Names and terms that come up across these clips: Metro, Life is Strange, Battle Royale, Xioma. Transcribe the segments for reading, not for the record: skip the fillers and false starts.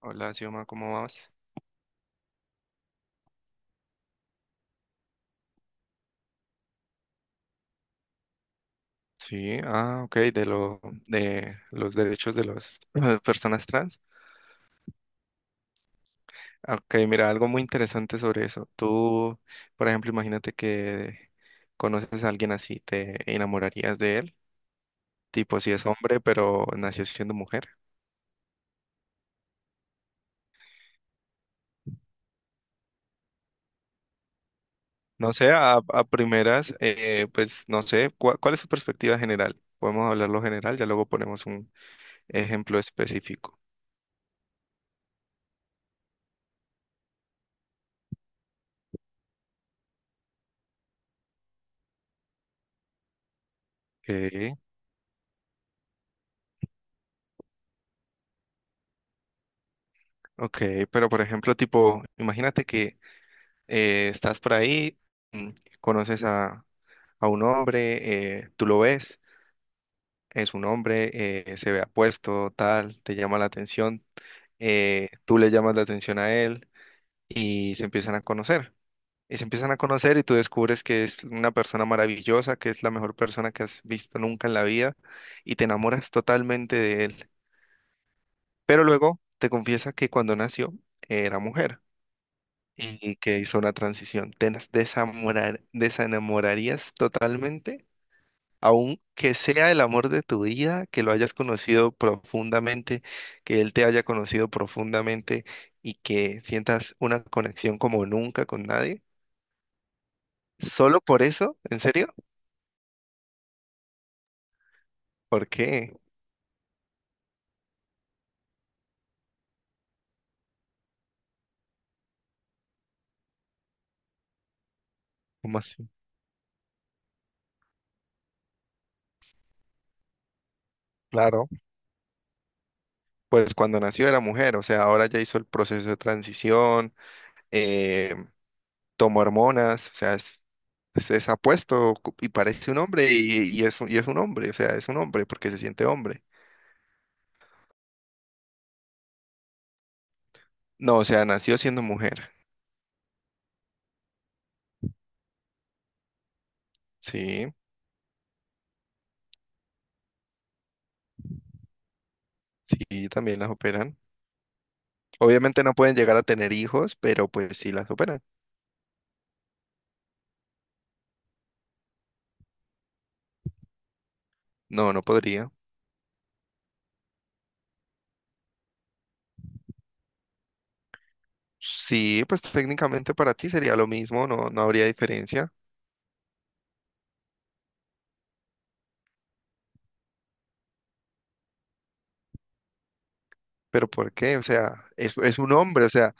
Hola, Xioma, ¿cómo vas? Sí, ah, ok, de lo de los derechos de las personas trans. Ah, ok, mira, algo muy interesante sobre eso. Tú, por ejemplo, imagínate que conoces a alguien así, ¿te enamorarías de él, tipo si es hombre, pero nació siendo mujer? No sé, a primeras, pues no sé, ¿cuál es su perspectiva general? Podemos hablarlo general, ya luego ponemos un ejemplo específico. Ok, ok, pero por ejemplo, tipo, imagínate que estás por ahí, mm, conoces a un hombre, tú lo ves, es un hombre, se ve apuesto, tal, te llama la atención, tú le llamas la atención a él y se empiezan a conocer. Y se empiezan a conocer y tú descubres que es una persona maravillosa, que es la mejor persona que has visto nunca en la vida y te enamoras totalmente de él. Pero luego te confiesa que cuando nació era mujer. Y que hizo una transición. ¿Te nas- desamorar- desenamorarías totalmente? Aunque sea el amor de tu vida, que lo hayas conocido profundamente, que él te haya conocido profundamente y que sientas una conexión como nunca con nadie. ¿Solo por eso? ¿En serio? ¿Por qué? ¿Cómo así? Claro, pues cuando nació era mujer, o sea, ahora ya hizo el proceso de transición, eh, tomo hormonas, o sea, es apuesto cu- y parece un hombre y es un hombre, o sea, es un hombre porque se siente hombre. No, o sea, nació siendo mujer. Sí, sí, también las operan. Obviamente no pueden llegar a tener hijos, pero pues sí las operan. No, no podría. Sí, pues técnicamente para ti sería lo mismo, no, no habría diferencia. Pero ¿por qué? O sea, es un hombre, o sea,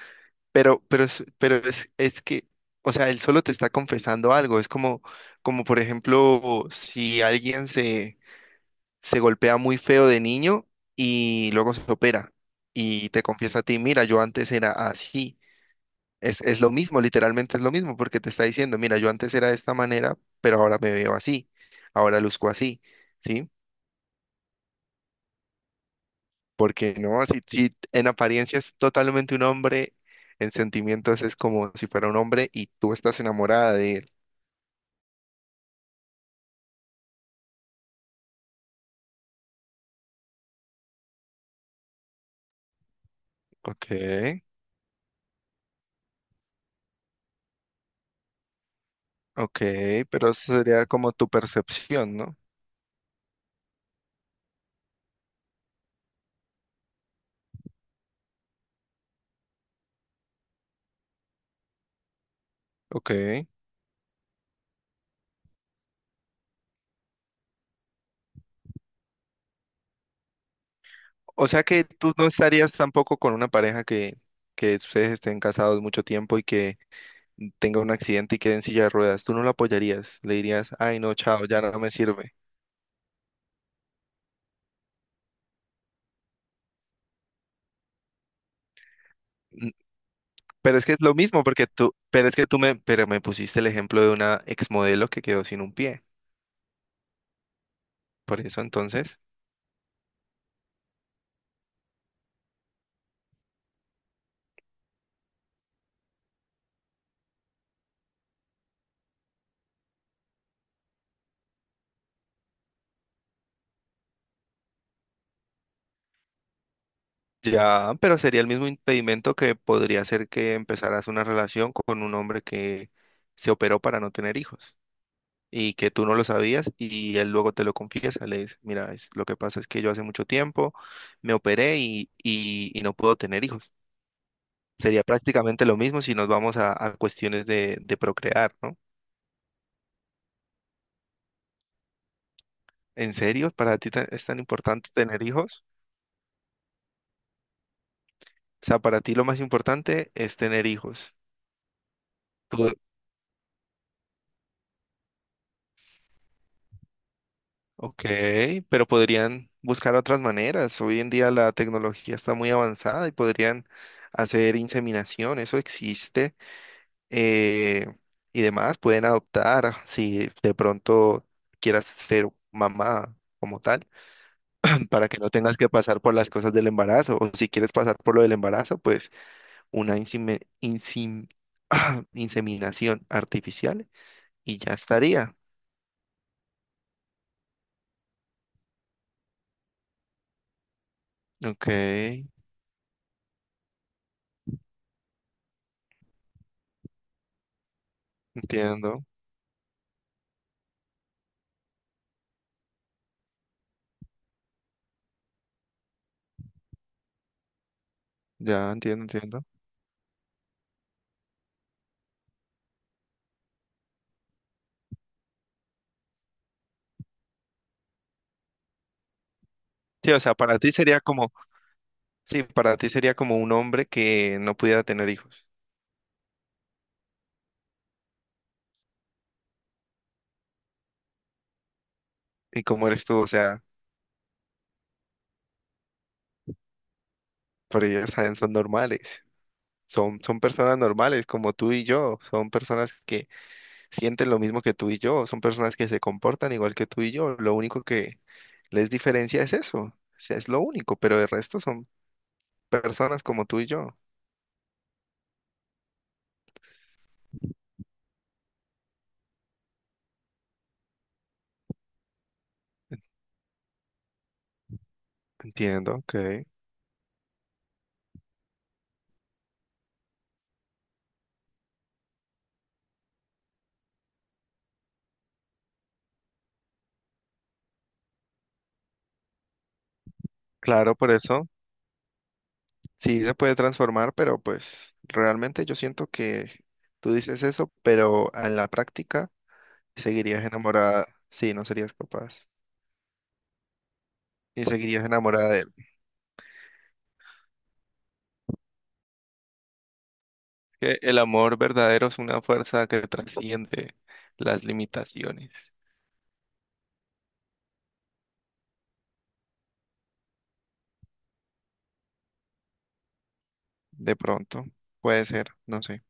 Es que, o sea, él solo te está confesando algo. Es como, como por ejemplo, si alguien se, se golpea muy feo de niño y luego se opera y te confiesa a ti, mira, yo antes era así. Es lo mismo, literalmente es lo mismo, porque te está diciendo, mira, yo antes era de esta manera, pero ahora me veo así, ahora luzco así, ¿sí? Porque no, si, si en apariencia es totalmente un hombre, en sentimientos es como si fuera un hombre y tú estás enamorada de él. Ok, ok, pero eso sería como tu percepción, ¿no? Ok. O sea que tú no estarías tampoco con una pareja que ustedes estén casados mucho tiempo y que tenga un accidente y quede en silla de ruedas. Tú no lo apoyarías, le dirías, ay no, chao, ya no me sirve. N- Pero es que es lo mismo, porque tú, pero es que tú me, pero me pusiste el ejemplo de una exmodelo que quedó sin un pie. Por eso entonces. Ya, pero sería el mismo impedimento que podría ser que empezaras una relación con un hombre que se operó para no tener hijos y que tú no lo sabías y él luego te lo confiesa, le dice, mira, es, lo que pasa es que yo hace mucho tiempo me operé y no puedo tener hijos. Sería prácticamente lo mismo si nos vamos a cuestiones de procrear, ¿no? ¿En serio? ¿Para ti ta- es tan importante tener hijos? O sea, para ti lo más importante es tener hijos. Tú ok, pero podrían buscar otras maneras. Hoy en día la tecnología está muy avanzada y podrían hacer inseminación, eso existe. eh, y demás, pueden adoptar ah, si de pronto quieras ser mamá como tal, para que no tengas que pasar por las cosas del embarazo. O si quieres pasar por lo del embarazo, pues una insime- insim- inseminación artificial y ya estaría. Ok, entiendo, ya entiendo, entiendo. Sí, o sea, para ti sería como, sí, para ti sería como un hombre que no pudiera tener hijos. ¿Y cómo eres tú? O sea, pero ellos saben, son normales. Son personas normales como tú y yo. Son personas que sienten lo mismo que tú y yo. Son personas que se comportan igual que tú y yo. Lo único que les diferencia es eso. O sea, es lo único, pero el resto son personas como tú y yo. Entiendo, ok. Claro, por eso. Sí, se puede transformar, pero pues realmente yo siento que tú dices eso, pero en la práctica seguirías enamorada, sí, no serías capaz y seguirías enamorada de él. Que el amor verdadero es una fuerza que trasciende las limitaciones. De pronto, puede ser, no sé.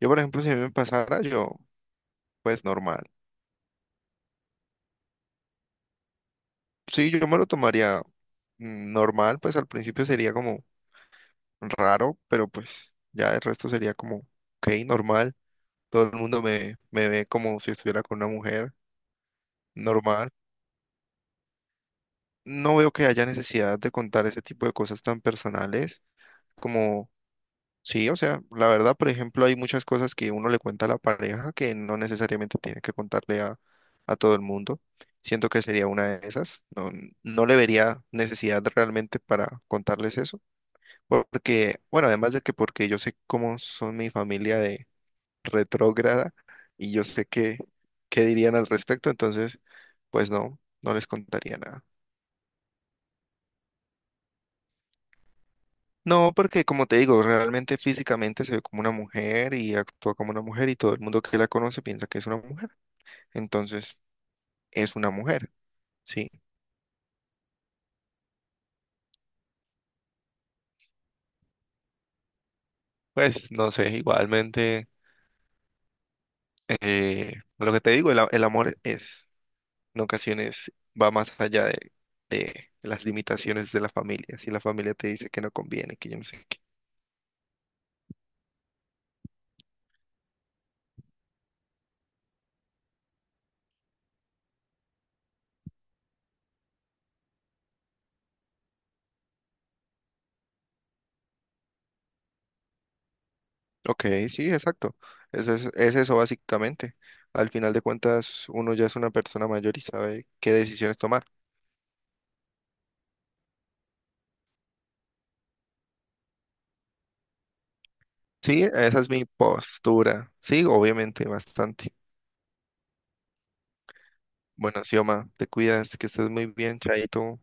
Yo, por ejemplo, si a mí me pasara, yo, pues normal. Sí, yo me lo tomaría normal, pues al principio sería como raro, pero pues ya el resto sería como, ok, normal. Todo el mundo me ve como si estuviera con una mujer normal. No veo que haya necesidad de contar ese tipo de cosas tan personales como, sí, o sea, la verdad, por ejemplo, hay muchas cosas que uno le cuenta a la pareja que no necesariamente tiene que contarle a todo el mundo. Siento que sería una de esas. No, no le vería necesidad realmente para contarles eso. Porque, bueno, además de que porque yo sé cómo son mi familia retrógrada y yo sé qué, qué dirían al respecto, entonces, pues no, no les contaría nada. No, porque como te digo, realmente físicamente se ve como una mujer y actúa como una mujer y todo el mundo que la conoce piensa que es una mujer, entonces es una mujer, sí. Pues no sé, igualmente, lo que te digo, el, a- el amor es, en ocasiones va más allá de las limitaciones de la familia. Si la familia te dice que no conviene, que yo no sé qué. Ok, sí, exacto. Es eso básicamente. Al final de cuentas, uno ya es una persona mayor y sabe qué decisiones tomar. Sí, esa es mi postura. Sí, obviamente, bastante. Bueno, Xioma, te cuidas, que estés muy bien, Chaito.